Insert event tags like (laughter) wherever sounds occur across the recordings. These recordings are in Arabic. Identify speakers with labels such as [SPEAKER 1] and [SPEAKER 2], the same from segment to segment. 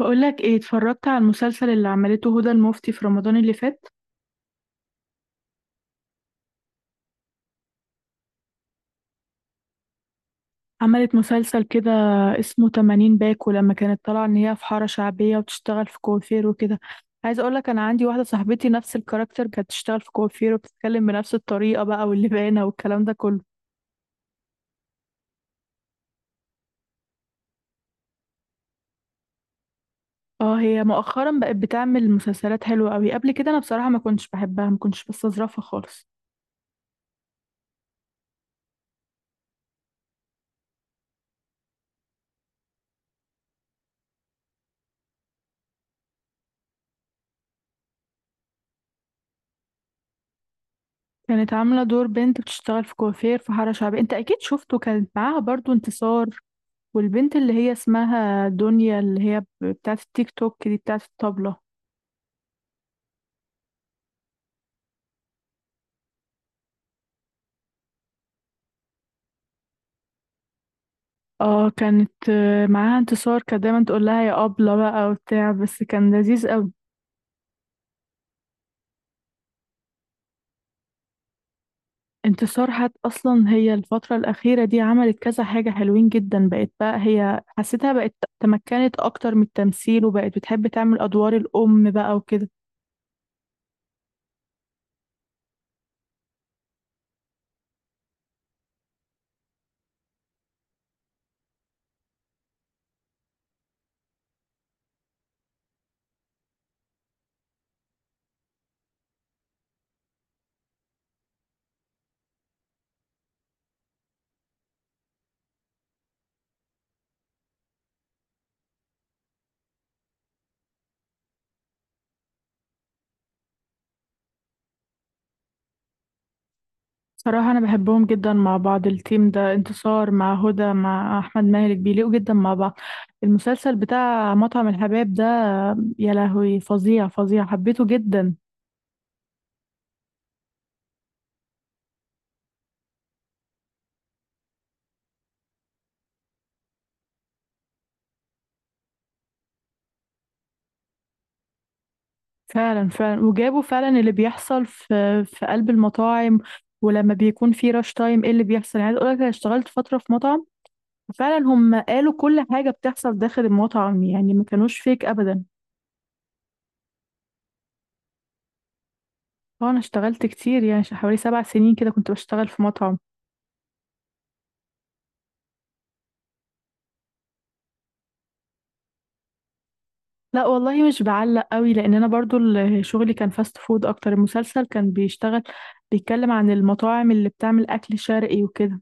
[SPEAKER 1] بقولك ايه، اتفرجت على المسلسل اللي عملته هدى المفتي في رمضان اللي فات؟ عملت مسلسل كده اسمه 80 باكو، لما كانت طالعة ان هي في حارة شعبية وبتشتغل في كوافير وكده. عايزة اقولك انا عندي واحدة صاحبتي نفس الكاركتر، كانت بتشتغل في كوافير وبتتكلم بنفس الطريقة بقى، واللبانة والكلام ده كله. اه، هي مؤخرا بقت بتعمل مسلسلات حلوة قوي. قبل كده انا بصراحة ما كنتش بحبها، ما كنتش بستظرفها خالص. كانت عاملة دور بنت بتشتغل في كوافير في حارة شعبية، انت اكيد شفته، كانت معاها برضو انتصار، والبنت اللي هي اسمها دنيا، اللي هي بتاعة التيك توك دي، بتاعة الطبلة. اه كانت، معاها انتصار، كانت دايما تقول لها يا أبلة بقى وبتاع، بس كان لذيذ قوي. انتصار حت اصلا هي الفترة الأخيرة دي عملت كذا حاجة حلوين جدا، بقت بقى هي حسيتها بقت تمكنت اكتر من التمثيل، وبقت بتحب تعمل ادوار الأم بقى وكده. صراحة أنا بحبهم جدا مع بعض، التيم ده، انتصار مع هدى مع أحمد مالك، بيليقوا جدا مع بعض. المسلسل بتاع مطعم الحباب ده، يا لهوي فظيع فظيع، حبيته جدا. فعلا فعلا، وجابوا فعلا اللي بيحصل في قلب المطاعم، ولما بيكون في راش تايم ايه اللي بيحصل. يعني عايز اقول لك، انا اشتغلت فترة في مطعم، فعلا هم قالوا كل حاجة بتحصل داخل المطعم، يعني ما كانوش فيك أبدا. اه انا اشتغلت كتير، يعني حوالي 7 سنين كده كنت بشتغل في مطعم. لا والله مش بعلق قوي، لان انا برضو شغلي كان فاست فود اكتر، المسلسل كان بيشتغل بيتكلم عن المطاعم اللي بتعمل اكل شرقي وكده.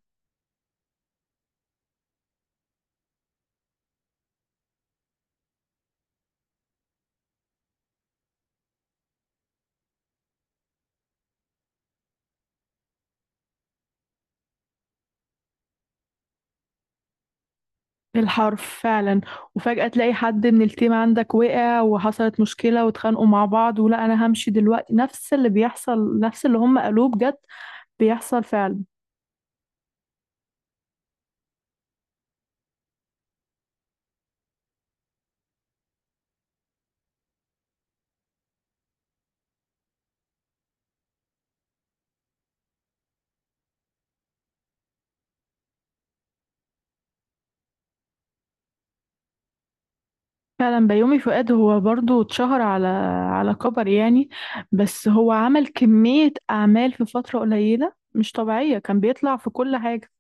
[SPEAKER 1] بالحرف فعلا. وفجأة تلاقي حد من التيم عندك وقع وحصلت مشكلة واتخانقوا مع بعض، ولا انا همشي دلوقتي، نفس اللي بيحصل، نفس اللي هم قالوه بجد، بيحصل فعلا. فعلا بيومي فؤاد هو برضو اتشهر على على كبر يعني، بس هو عمل كمية اعمال في فترة قليلة مش طبيعية، كان بيطلع في كل حاجة.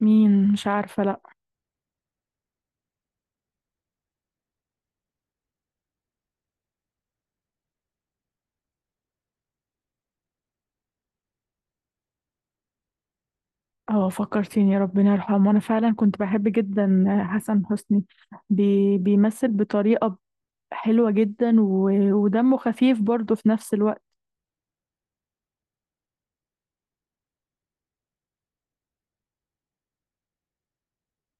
[SPEAKER 1] مين؟ مش عارفة، لأ. اه فكرتيني، ربنا يرحمه، أنا فعلا كنت بحب جدا حسن حسني، بيمثل بطريقة حلوة جدا، ودمه خفيف برضه في نفس الوقت.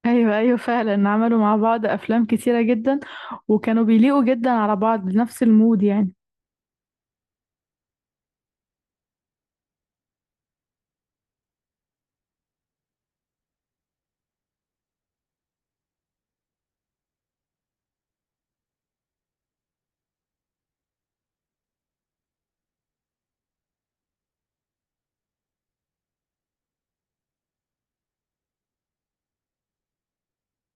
[SPEAKER 1] أيوة أيوة فعلا عملوا مع بعض أفلام كتيرة جدا، وكانوا بيليقوا جدا على بعض بنفس المود يعني.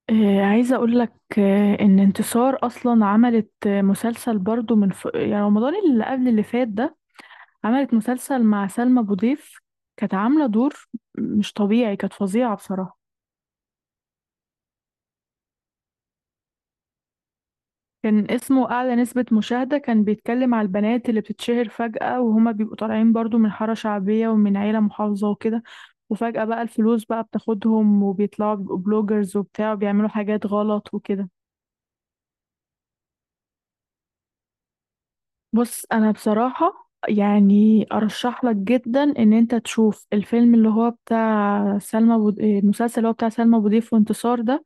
[SPEAKER 1] عايزة أقول لك، إن انتصار أصلا عملت، مسلسل برضه من يعني رمضان اللي قبل اللي فات ده، عملت مسلسل مع سلمى أبو ضيف. كانت عاملة دور مش طبيعي، كانت فظيعة بصراحة. كان اسمه أعلى نسبة مشاهدة، كان بيتكلم على البنات اللي بتتشهر فجأة، وهما بيبقوا طالعين برضو من حارة شعبية ومن عيلة محافظة وكده، وفجأة بقى الفلوس بقى بتاخدهم وبيطلعوا بيبقوا بلوجرز وبتاع وبيعملوا حاجات غلط وكده. بص أنا بصراحة يعني أرشح لك جدا إن أنت تشوف الفيلم اللي هو بتاع سلمى المسلسل اللي هو بتاع سلمى أبو ضيف وانتصار ده،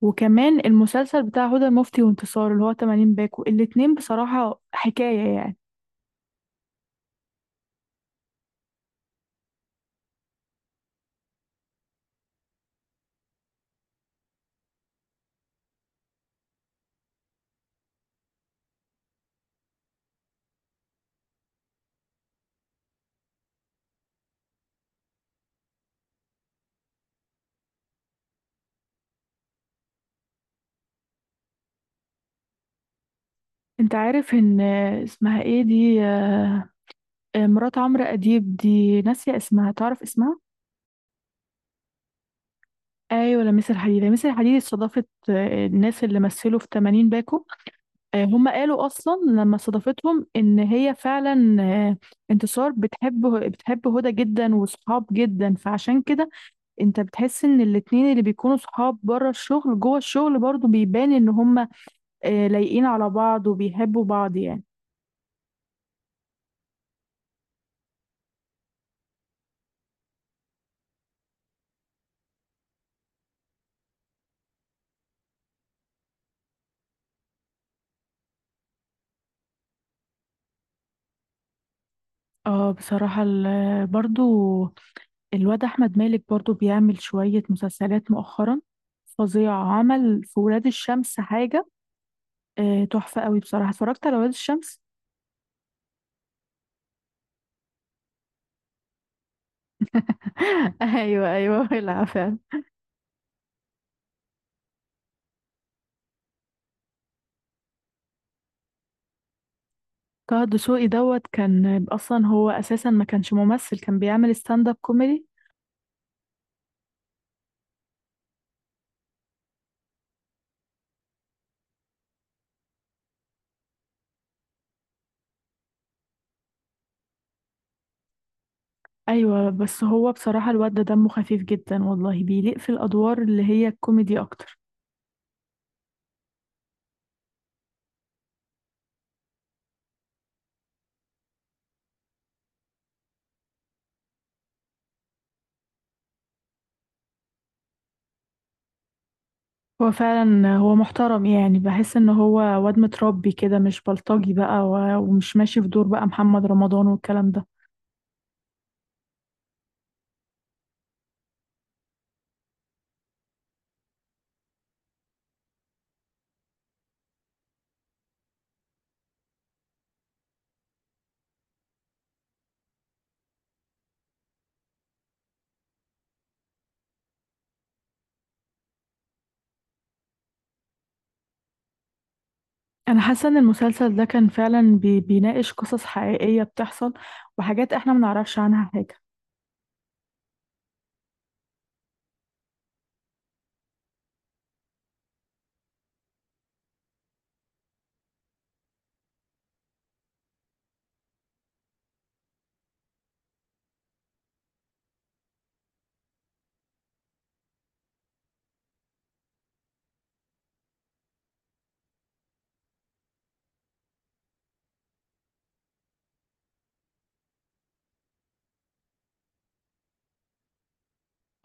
[SPEAKER 1] وكمان المسلسل بتاع هدى المفتي وانتصار اللي هو 80 باكو، الاتنين بصراحة حكاية يعني. انت عارف ان، اسمها ايه دي، مرات عمرو اديب دي، ناسية اسمها، تعرف اسمها؟ ايوه لميس الحديدي. لميس الحديدي استضافت، الناس اللي مثلوا في 80 باكو، هم قالوا اصلا لما استضافتهم ان هي فعلا، انتصار بتحب هدى جدا، وصحاب جدا، فعشان كده انت بتحس ان الاتنين اللي بيكونوا صحاب بره الشغل جوه الشغل برضو بيبان ان هم، لايقين على بعض وبيحبوا بعض يعني. اه بصراحة برضو الواد أحمد مالك برضو بيعمل شوية مسلسلات مؤخرا فظيعة، عمل في ولاد الشمس حاجة تحفة قوي، بصراحة اتفرجت على ولاد الشمس. (laughs) ايوه ايوه، العفو. طه دسوقي دوت كان أصلا، هو أساسا ما كانش ممثل، كان بيعمل ستاند اب كوميدي. أيوة بس هو بصراحة الواد ده دمه خفيف جدا والله، بيليق في الأدوار اللي هي الكوميدي أكتر. هو فعلا هو محترم، يعني بحس ان هو واد متربي كده، مش بلطجي بقى، ومش ماشي في دور بقى محمد رمضان والكلام ده. انا حاسه ان المسلسل ده كان فعلا بيناقش قصص حقيقيه بتحصل، وحاجات احنا ما نعرفش عنها حاجه.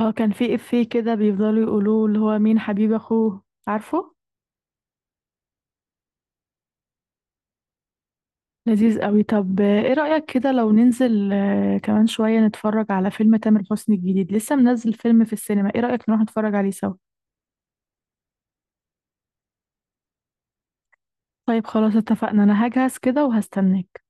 [SPEAKER 1] اه كان في افيه كده بيفضلوا يقولوه اللي هو مين حبيب اخوه، عارفه؟ لذيذ قوي. طب ايه رايك كده لو ننزل كمان شويه نتفرج على فيلم تامر حسني الجديد، لسه منزل فيلم في السينما، ايه رايك نروح نتفرج عليه سوا؟ طيب خلاص اتفقنا، انا هجهز كده وهستناك.